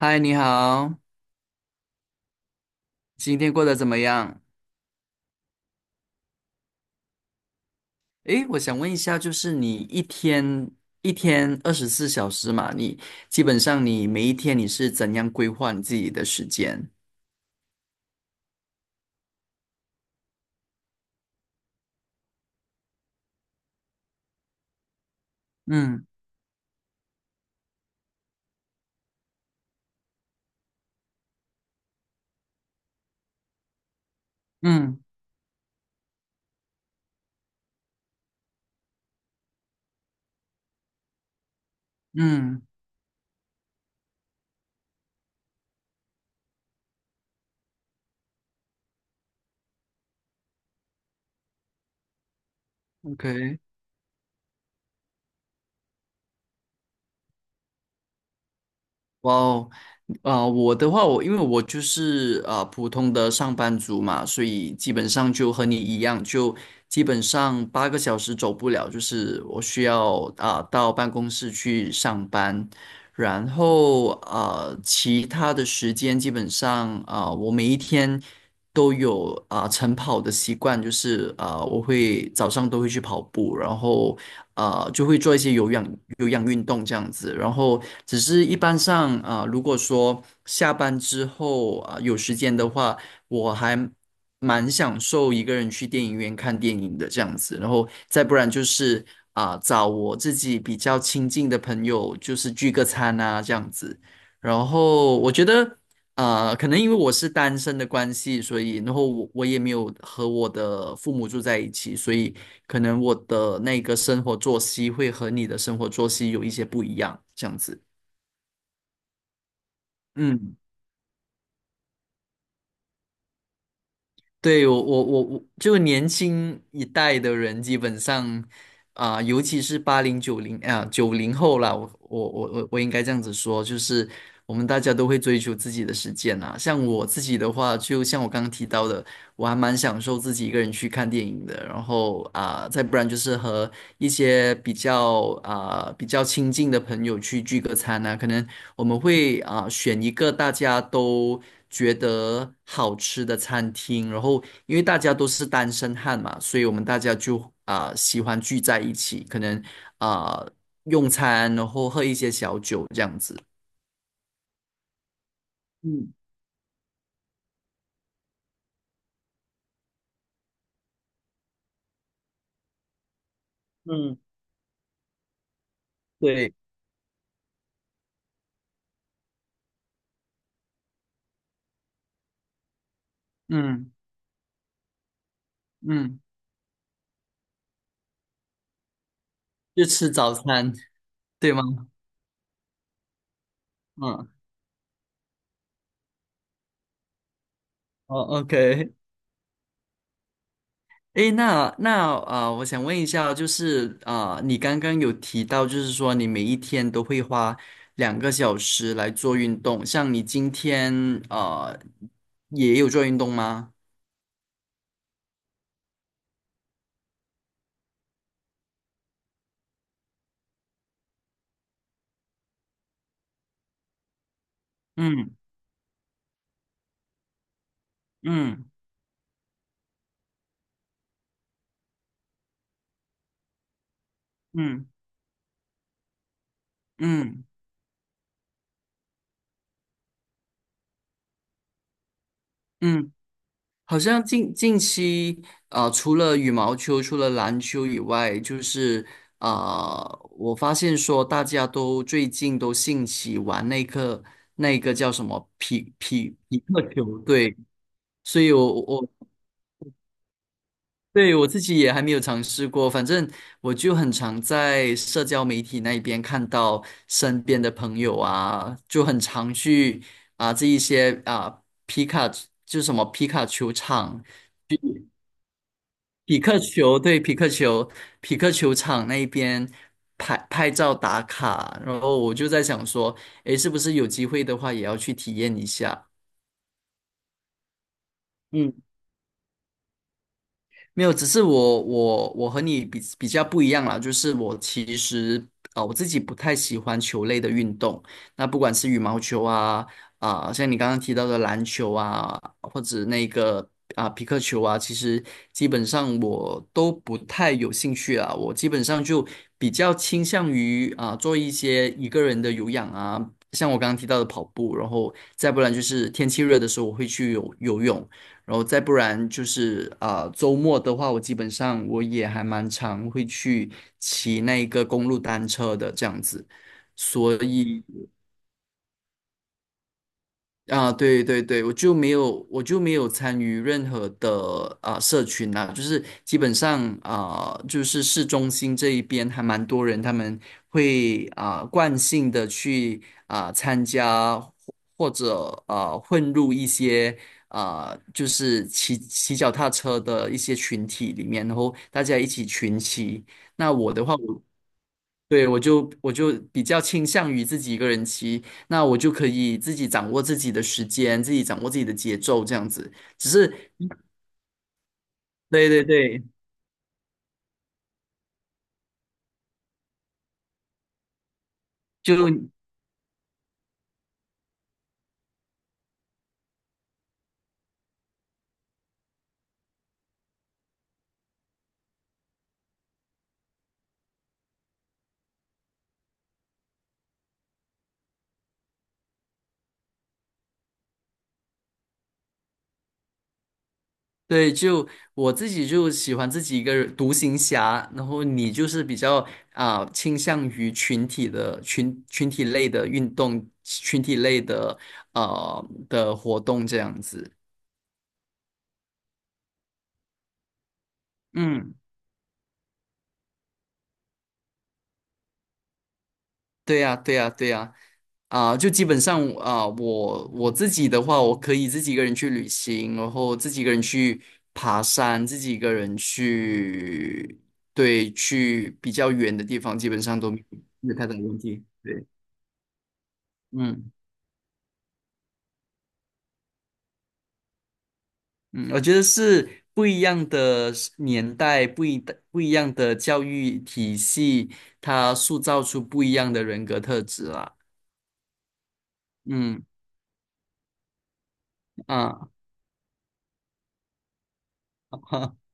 嗨，你好，今天过得怎么样？诶，我想问一下，就是你一天24小时嘛，你基本上你每一天你是怎样规划你自己的时间？嗯嗯嗯，OK。哇哦，我的话，我因为我就是普通的上班族嘛，所以基本上就和你一样，就基本上8个小时走不了，就是我需要到办公室去上班，然后其他的时间基本上我每一天都有晨跑的习惯，就是我会早上都会去跑步，然后就会做一些有氧运动这样子。然后，只是一般上如果说下班之后有时间的话，我还蛮享受一个人去电影院看电影的这样子。然后，再不然就是找我自己比较亲近的朋友，就是聚个餐啊这样子。然后我觉得可能因为我是单身的关系，所以然后我也没有和我的父母住在一起，所以可能我的那个生活作息会和你的生活作息有一些不一样，这样子。嗯，对，我，就年轻一代的人，基本上尤其是八零九零九零后啦，我应该这样子说，就是我们大家都会追求自己的时间啊。像我自己的话，就像我刚刚提到的。我还蛮享受自己一个人去看电影的，然后再不然就是和一些比较比较亲近的朋友去聚个餐啊，可能我们会选一个大家都觉得好吃的餐厅，然后因为大家都是单身汉嘛，所以我们大家就喜欢聚在一起，可能啊、用餐，然后喝一些小酒这样子。嗯嗯，对。嗯嗯，就吃早餐，对吗？嗯。哦，OK。诶，那我想问一下，就是你刚刚有提到，就是说你每一天都会花2个小时来做运动，像你今天呃也有做运动吗？嗯嗯嗯嗯嗯嗯。好像近期，啊，除了羽毛球、除了篮球以外，就是啊，我发现说大家都最近都兴起玩那个那个叫什么匹克球，对，所以我对我自己也还没有尝试过，反正我就很常在社交媒体那边看到身边的朋友啊，就很常去这一些皮卡就是什么皮卡球场。匹克球，对，匹克球，匹克球场那边拍拍照打卡，然后我就在想说，诶，是不是有机会的话也要去体验一下？嗯。没有，只是我和你比较不一样啦，就是我其实我自己不太喜欢球类的运动，那不管是羽毛球啊像你刚刚提到的篮球啊，或者那个皮克球啊，其实基本上我都不太有兴趣啊，我基本上就比较倾向于做一些一个人的有氧啊，像我刚刚提到的跑步，然后再不然就是天气热的时候我会去游泳。然后再不然就是周末的话，我基本上我也还蛮常会去骑那个公路单车的这样子，所以啊，对对对，我就没有，我就没有参与任何的社群啦，就是基本上就是市中心这一边还蛮多人，他们会惯性的去参加或者混入一些就是骑脚踏车的一些群体里面，然后大家一起群骑。那我的话，我对，我就比较倾向于自己一个人骑，那我就可以自己掌握自己的时间，自己掌握自己的节奏，这样子。只是，对对对，就对，就我自己就喜欢自己一个人独行侠，然后你就是比较倾向于群体类的运动，群体类的的活动这样子。嗯。对呀，对呀，对呀，啊，就基本上啊，我自己的话，我可以自己一个人去旅行，然后自己一个人去爬山，自己一个人去，对，去比较远的地方，基本上都没有太大的问题。对，嗯嗯，我觉得是不一样的年代，不一样的教育体系，它塑造出不一样的人格特质啦。嗯啊。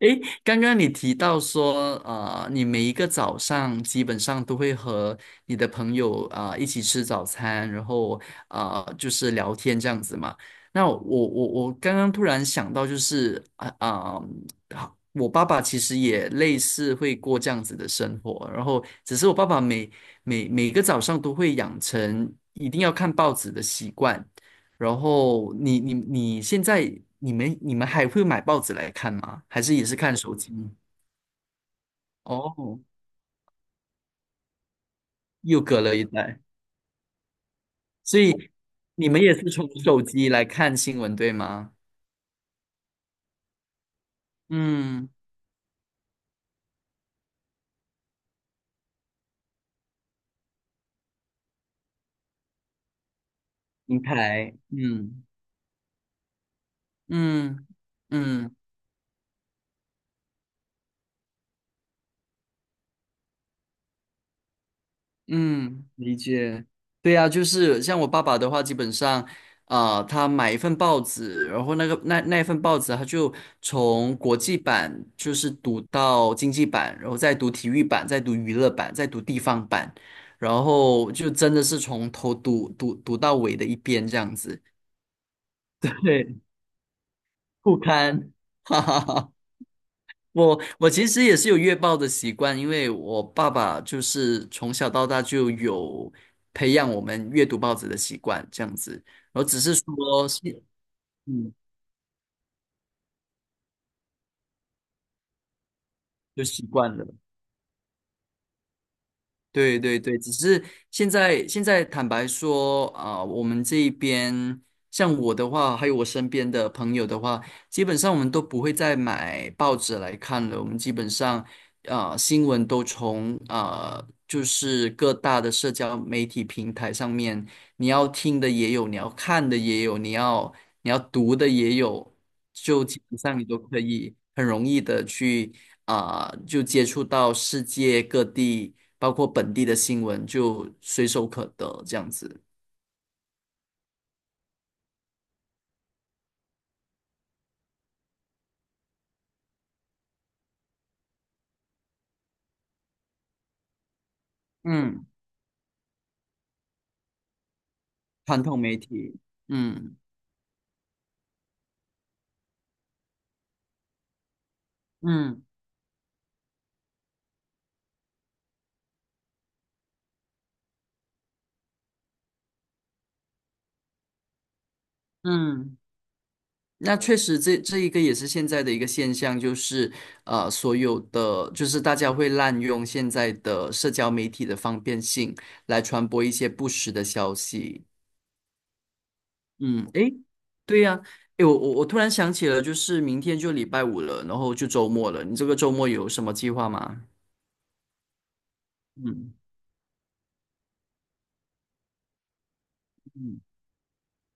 诶，刚刚你提到说，你每一个早上基本上都会和你的朋友一起吃早餐，然后就是聊天这样子嘛。那我刚刚突然想到，就是好我爸爸其实也类似会过这样子的生活，然后只是我爸爸每个早上都会养成一定要看报纸的习惯。然后你现在你们还会买报纸来看吗？还是也是看手机？哦，又隔了一代，所以你们也是从手机来看新闻，对吗？嗯，明白。嗯嗯嗯，嗯，理解。对呀，就是像我爸爸的话，基本上，他买一份报纸，然后那个那份报纸，他就从国际版就是读到经济版，然后再读体育版，再读娱乐版，再读地方版，然后就真的是从头读到尾的一边这样子。对，不堪，哈哈哈。我其实也是有阅报的习惯，因为我爸爸就是从小到大就有培养我们阅读报纸的习惯，这样子。然后只是说是，嗯，就习惯了。对对对，只是现在坦白说我们这一边像我的话，还有我身边的朋友的话，基本上我们都不会再买报纸来看了。我们基本上新闻都从就是各大的社交媒体平台上面，你要听的也有，你要看的也有，你要读的也有，就基本上你都可以很容易的去，就接触到世界各地，包括本地的新闻，就随手可得这样子。嗯，传统媒体，嗯。嗯嗯，那确实这一个也是现在的一个现象，就是所有的就是大家会滥用现在的社交媒体的方便性来传播一些不实的消息。嗯，诶，对呀，诶，我突然想起了，就是明天就礼拜五了，然后就周末了，你这个周末有什么计划吗？嗯嗯，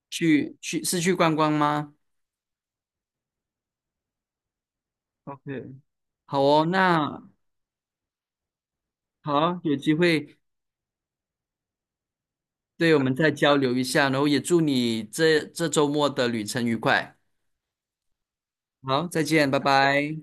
去是去观光吗？OK,好哦，那好啊有机会对我们再交流一下，然后也祝你这周末的旅程愉快。好，再见，拜拜。